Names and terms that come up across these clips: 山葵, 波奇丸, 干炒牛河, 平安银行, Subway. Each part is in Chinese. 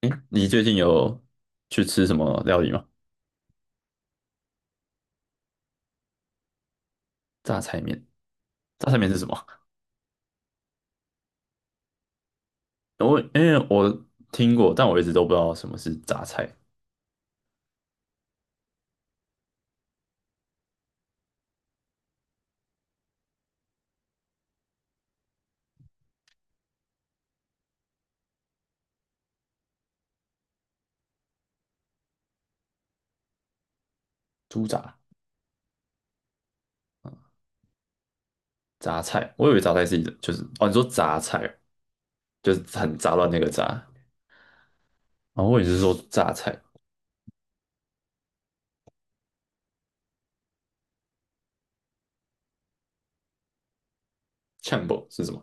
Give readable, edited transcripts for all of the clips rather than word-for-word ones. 诶，你最近有去吃什么料理吗？榨菜面，榨菜面是什么？因为我听过，但我一直都不知道什么是榨菜。猪杂、榨菜，我以为榨菜是一种，就是哦，你说榨菜就是很杂乱那个杂，哦，后我也是说榨菜。呛爆是什么？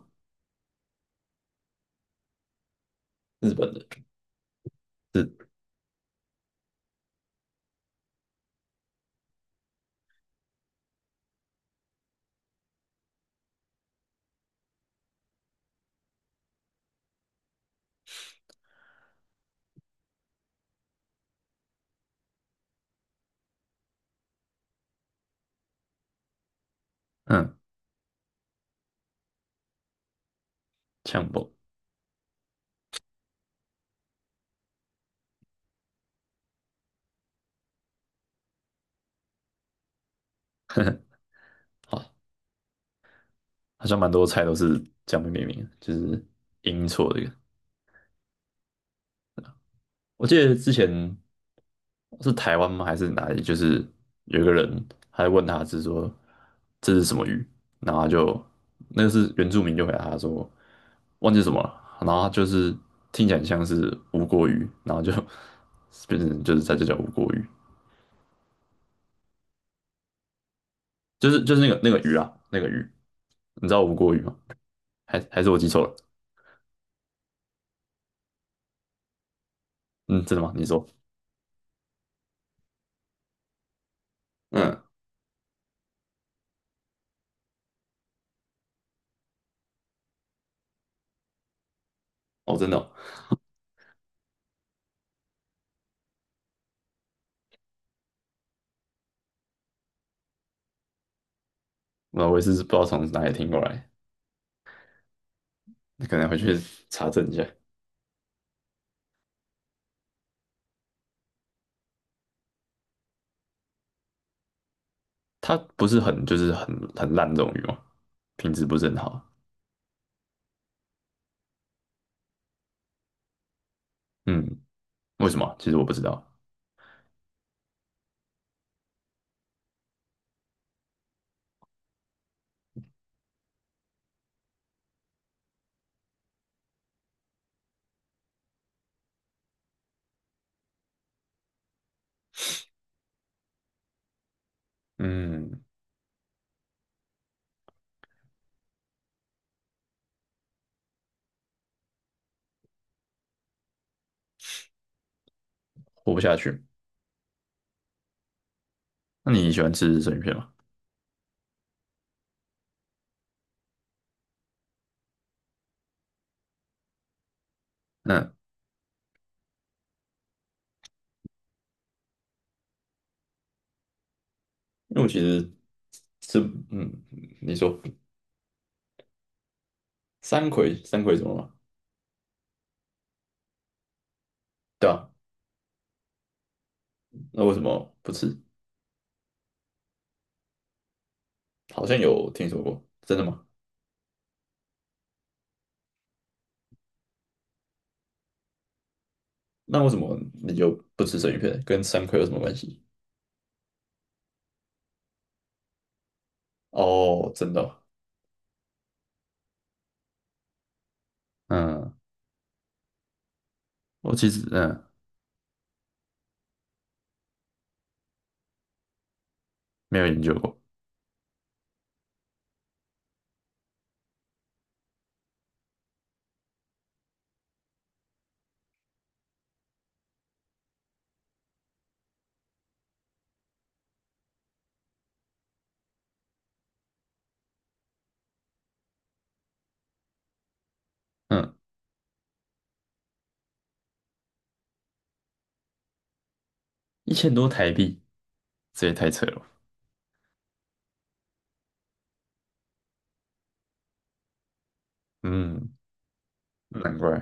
日本的，是嗯，呛爆。好，好像蛮多菜都是这样被命名的就是音错这个。我记得之前是台湾吗？还是哪里？就是有一个人，还问他是说这是什么鱼，然后他就是原住民就回答他说忘记什么了，然后他就是听起来很像是无国鱼，然后就 变成就是在这叫无国鱼，就是那个鱼啊，那个鱼，你知道无国鱼吗？还是我记错了？嗯，真的吗？你说，嗯，哦，真的哦，那我也是不知道从哪里听过来，可能回去查证一下。它不是很烂这种鱼吗？品质不是很好。嗯，为什么？其实我不知道。嗯，活不下去。那你喜欢吃生鱼片吗？嗯，因为我其实吃，嗯，你说山葵，山葵怎么了？对啊，那为什么不吃？好像有听说过，真的吗？那为什么你就不吃生鱼片？跟山葵有什么关系？哦，真的哦。嗯，我其实没有研究过，嗯，1000多台币，这也太扯了吧。嗯。难怪，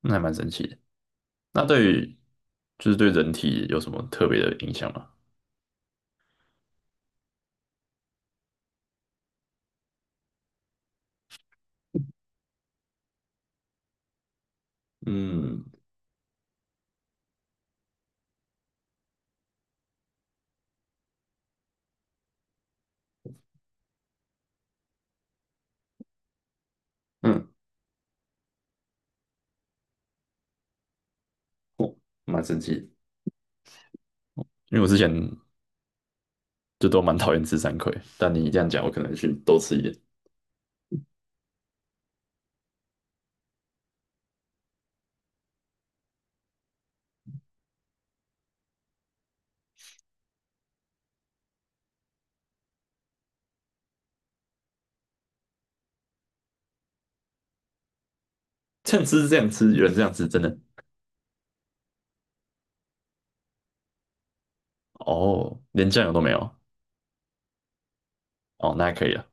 那还蛮神奇的。那对于就是对人体有什么特别的影响吗？嗯嗯，蛮神奇的。因为我之前就都蛮讨厌吃山葵，但你这样讲，我可能去多吃一点。这样吃，这样吃，有人这样吃，真的哦，连酱油都没有。哦，那还可以了。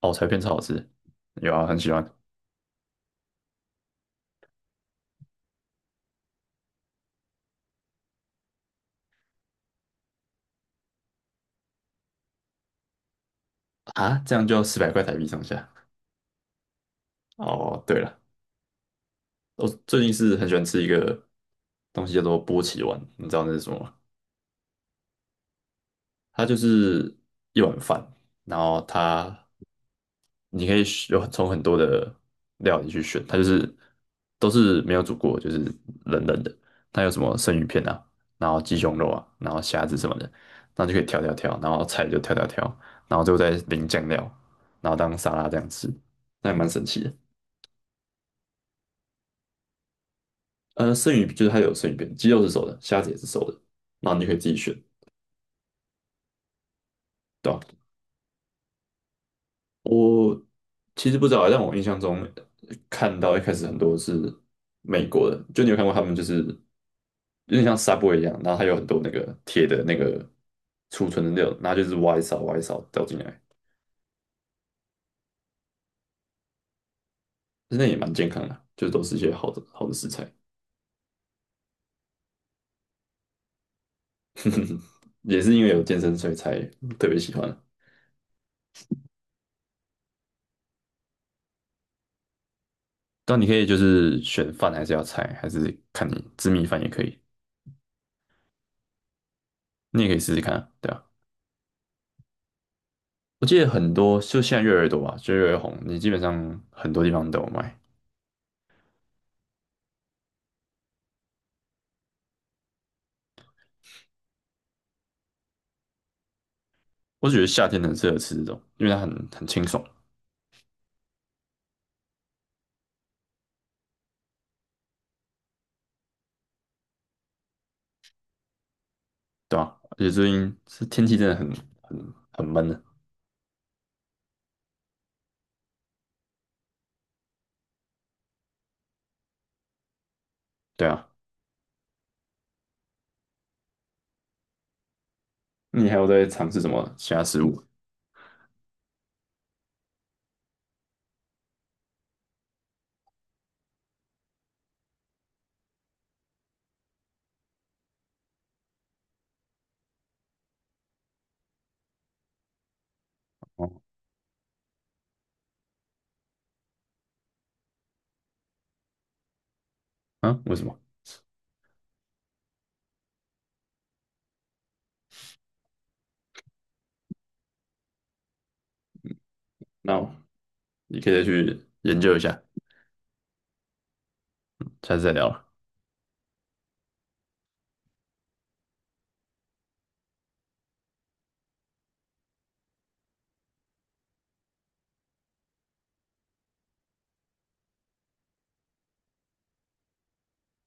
哦，柴片超好吃，有啊，很喜欢。啊，这样就要400块台币上下。哦，对了，我最近是很喜欢吃一个东西叫做波奇丸，你知道那是什么吗？它就是一碗饭，然后你可以选有从很多的料理去选，它就是都是没有煮过，就是冷冷的。它有什么生鱼片啊，然后鸡胸肉啊，然后虾子什么的，然后就可以挑挑挑，然后菜就挑挑挑，然后最后再淋酱料，然后当沙拉这样吃，那也蛮神奇的。生鱼就是它有生鱼片，鸡肉是熟的，虾子也是熟的，然后你就可以自己选，对吧？我其实不知道，但我印象中看到一开始很多是美国的，就你有看过他们就是有点像 Subway 一样，然后它有很多那个铁的那个储存的那种，然后就是挖一勺挖一勺倒进来，那也蛮健康的啊，就是都是一些好的好的食材，也是因为有健身所以才特别喜欢啊。但你可以就是选饭还是要菜，还是看你吃米饭也可以，你也可以试试看啊对啊。我记得很多，就现在越来越多吧，就越来越红，你基本上很多地方都有卖。我只觉得夏天很适合吃这种，因为它很清爽，对吧、而且最近是天气真的很闷的，对啊。你还有在尝试什么其他食物？哦，啊，为什么？那你可以再去研究一下，下次再聊了。